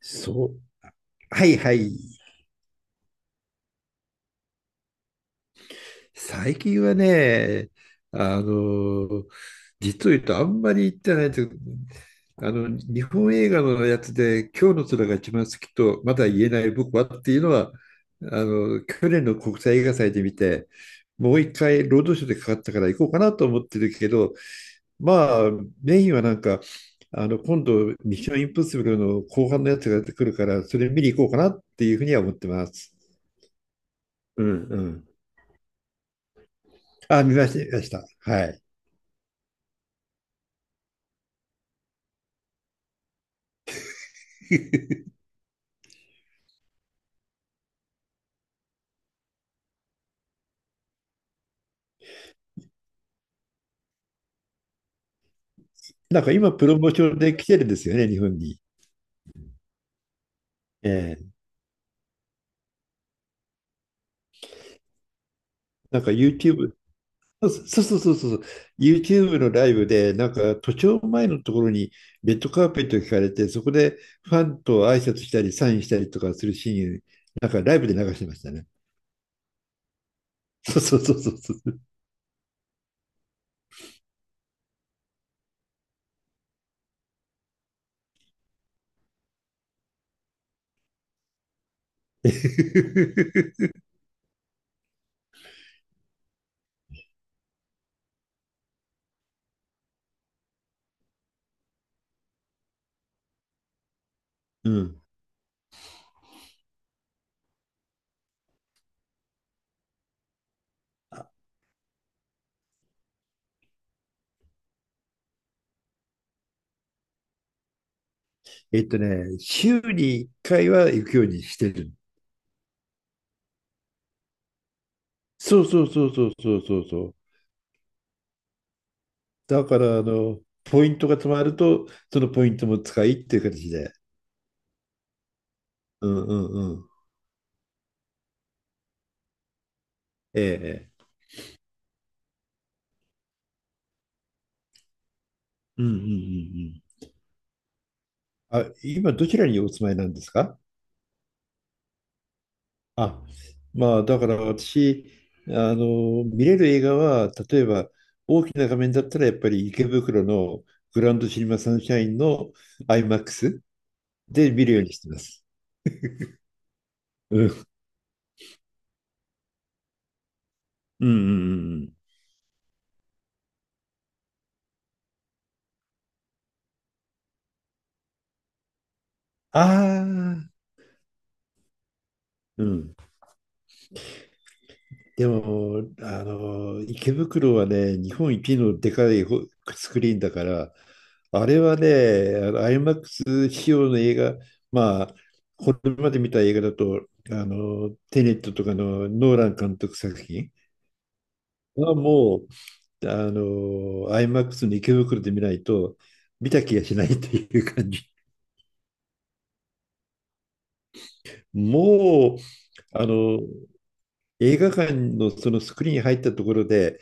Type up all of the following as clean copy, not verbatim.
そう。はいはい。最近はね、あの、実を言うとあんまり行ってないんですけど、日本映画のやつで、今日の空が一番好きと、まだ言えない僕はっていうのは、去年の国際映画祭で見て、もう一回、ロードショーでかかったから行こうかなと思ってるけど、まあ、メインはなんか、今度、ミッションインポッシブルの後半のやつが出てくるから、それ見に行こうかなっていうふうには思ってます。うん。あ、見ました、見ました。はい。なんか今、プロモーションで来てるんですよね、日本に。ええ。なんか YouTube、そうそうそうそうそう、YouTube のライブで、なんか都庁前のところにレッドカーペットを引かれて、そこでファンと挨拶したり、サインしたりとかするシーン、なんかライブで流してましたね。そうそうそうそうそう。うん。週に1回は行くようにしてる。そうそうそうそうそうそうそう。だから、ポイントが貯まると、そのポイントも使いっていう形で。うんうんうん。ええ。ええ。うんうんうんうん。あ、今どちらにお住まいなんですか？あ、まあだから私、見れる映画は、例えば大きな画面だったらやっぱり池袋のグランドシネマサンシャインの IMAX で見るようにしてます。うん。うんうんうんうん。ああ、うん。でも、池袋はね、日本一のでかいスクリーンだから、あれはね、IMAX 仕様の映画、まあ、これまで見た映画だと、テネットとかのノーラン監督作品はもう、IMAX の池袋で見ないと、見た気がしないという感じ。もう、あの、映画館のそのスクリーン入ったところで、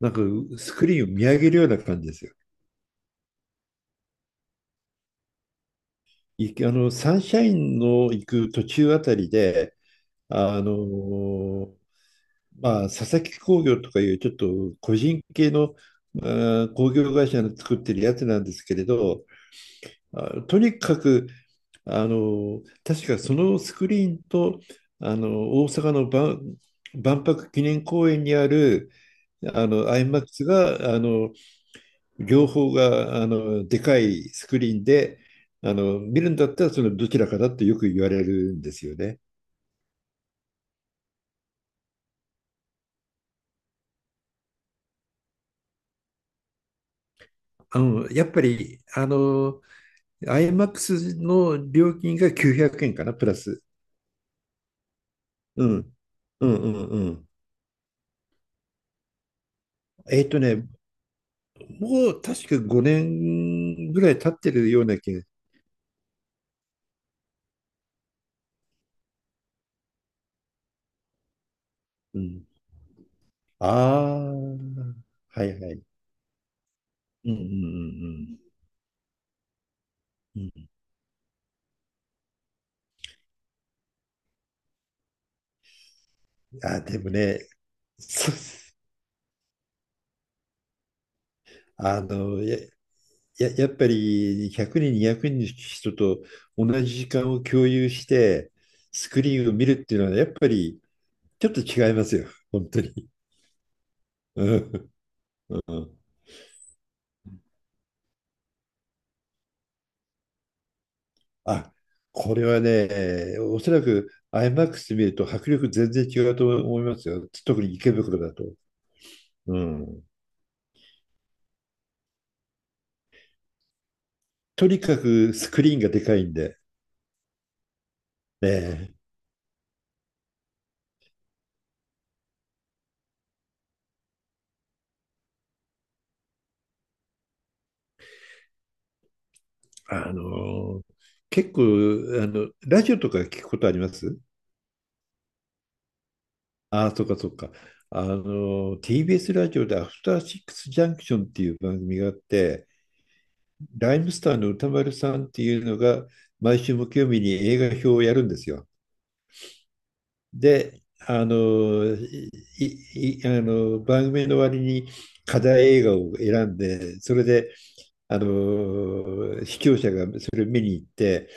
なんかスクリーンを見上げるような感じですよ。いあの、サンシャインの行く途中あたりで、あの、まあ、佐々木工業とかいうちょっと個人系の、工業会社の作ってるやつなんですけれど、あ、とにかく、確かそのスクリーンと、大阪の万博記念公園にある、マックスが、両方があのでかいスクリーンで見るんだったらそのどちらかだってよく言われるんですよね。やっぱりIMAX の料金が900円かなプラス。うん、うんうんうん。えっとねもう確か5年ぐらい経ってるような気が。うん、ああ、はいはい。うんうんうんうん。うん。あでもね、そう。 あのややっぱり100人、200人の人と同じ時間を共有して、スクリーンを見るっていうのは、やっぱりちょっと違いますよ、本当に。うん、うん。あ、これはね、おそらく IMAX 見ると迫力全然違うと思いますよ、特に池袋だと。うん。とにかくスクリーンがでかいんで、ね、あの結構ラジオとか聞くことあります？ああ、そっかそっか。TBS ラジオでアフターシックスジャンクションっていう番組があって、ライムスターの歌丸さんっていうのが、毎週木曜日に映画表をやるんですよ。で、あの番組の割に課題映画を選んで、それで、視聴者がそれを見に行って、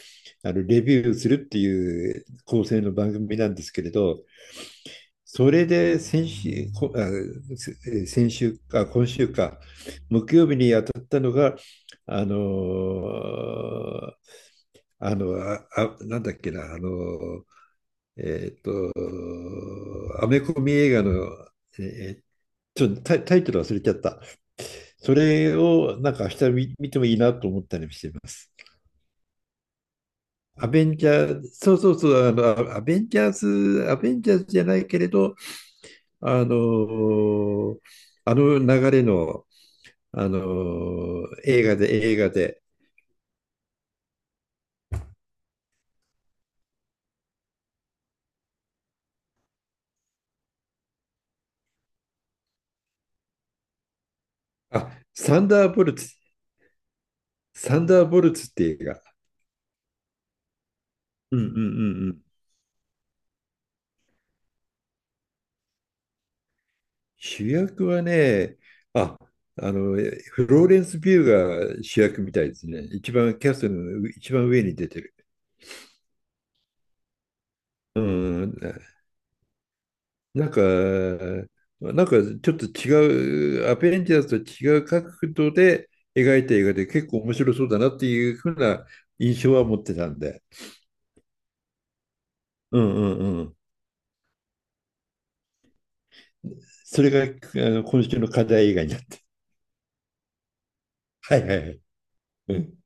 レビューするっていう構成の番組なんですけれど、それで先週、こあせえー先週か、今週か、木曜日に当たったのが、あのーなんだっけな、アメコミ映画の、えーちょっとタイトル忘れちゃった。それをなんか明日見てもいいなと思ったりしています。アベンジャーズ、そうそうそう、アベンジャーズじゃないけれど、あの、あの流れの、映画で、あ、サンダーボルツ、サンダーボルツって映画。うんうんうん。うん。主役はね、あ、あの、フローレンス・ビューが主役みたいですね。一番、キャストの一番上に出てる。うん、なんか、なんかちょっと違う、アベンジャーズと違う角度で描いた映画で結構面白そうだなっていうふうな印象は持ってたんで。うんうんうん。それが今週の課題映画になって。はいはいはい。うん。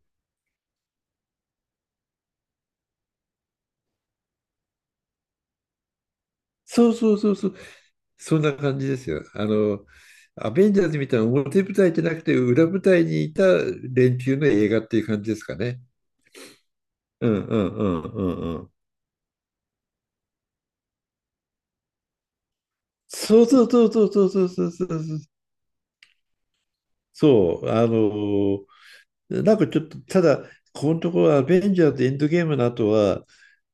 そうそうそうそう。そんな感じですよ。アベンジャーズみたいな表舞台じゃなくて裏舞台にいた連中の映画っていう感じですかね。うんうんうんうんうん。そうそうそうそうそうそうそうそうそう、なんかちょっと、ただ、このところ、アベンジャーズエンドゲームの後は、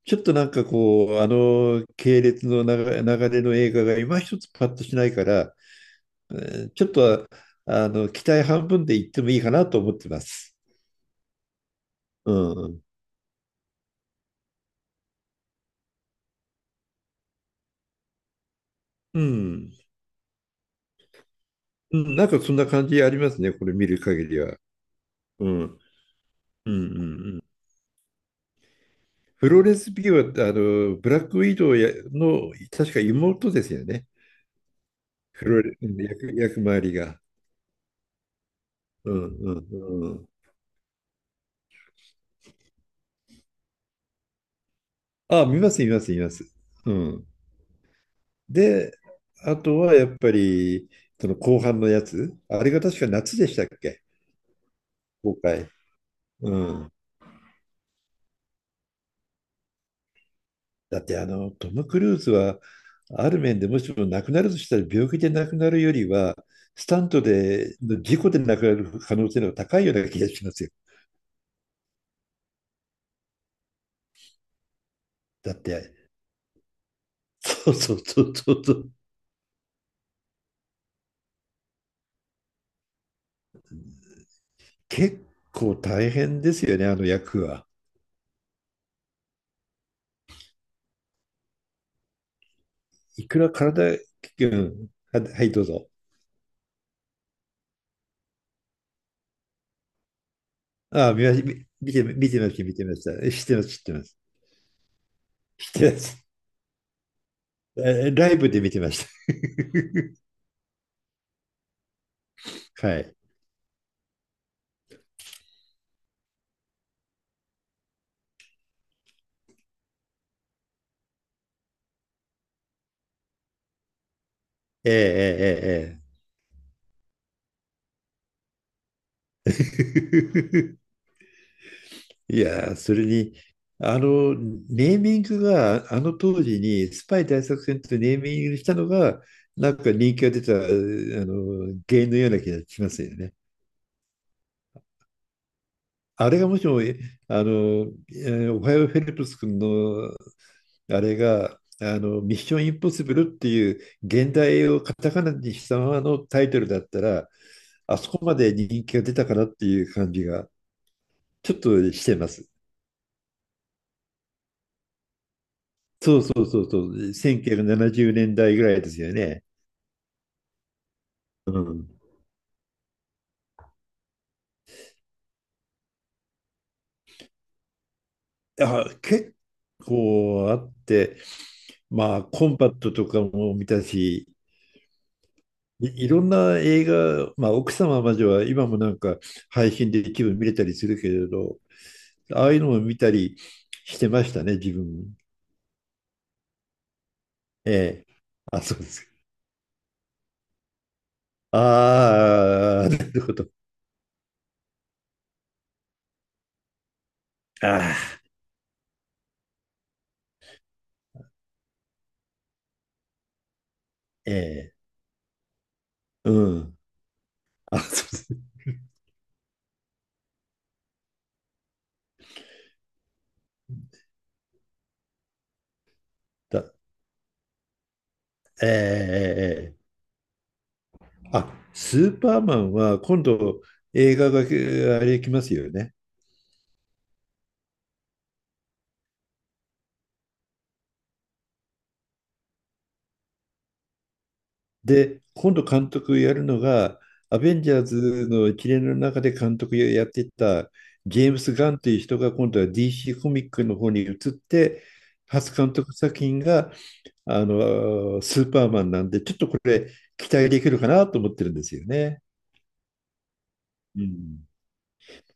ちょっとなんかこう、あの系列の流れの映画が今一つパッとしないから、えちょっと、期待半分で言ってもいいかなと思ってます。うん。うん。うんなんかそんな感じありますね、これ見る限りは。うん。うんうんうん。フローレンス・ピューは、ブラックウィドウやの、確か妹ですよね。フローレン役、役回りが。うんうんうん。あ、見ます、見ます、見ます。うん。で、あとはやっぱり、その後半のやつ、あれが確か夏でしたっけ、公開。うん。だってトム・クルーズは、ある面でもしも亡くなるとしたら病気で亡くなるよりは、スタントで、事故で亡くなる可能性の方が高いような気がしますよ。だって、そうそうそうそうそう。結構大変ですよね、あの役は。いくら体、うん、はい、どうぞ。ああ、見てました、見てました。知ってます、知ってます。知ってます。ライブで見てました。はい。ええええええ。いやー、それに、ネーミングが、あの当時に、スパイ大作戦とネーミングしたのが、なんか人気が出た、原因のような気がしますよね。あれがもしも、えあの、えおはようフェルプス君のあれが、ミッションインポッシブルっていう現代をカタカナにしたままのタイトルだったら、あそこまで人気が出たかなっていう感じがちょっとしてます。そうそうそうそう、1970年代ぐらいですよね。うん。あ、結構あって、まあ、コンパクトとかも見たし、いろんな映画、まあ、奥様までは今もなんか配信で一部見れたりするけれど、ああいうのも見たりしてましたね、自分。ええ。あ、そうですか。ああ、なるほど。ああ、ええ。うん。あ、そうですねだ。ええ、ええ。ええ。あ、スーパーマンは今度映画があれ来ますよね。で、今度監督やるのが、アベンジャーズの一連の中で監督やってたジェームス・ガンという人が今度は DC コミックの方に移って、初監督作品があのスーパーマンなんで、ちょっとこれ期待できるかなと思ってるんですよね。うん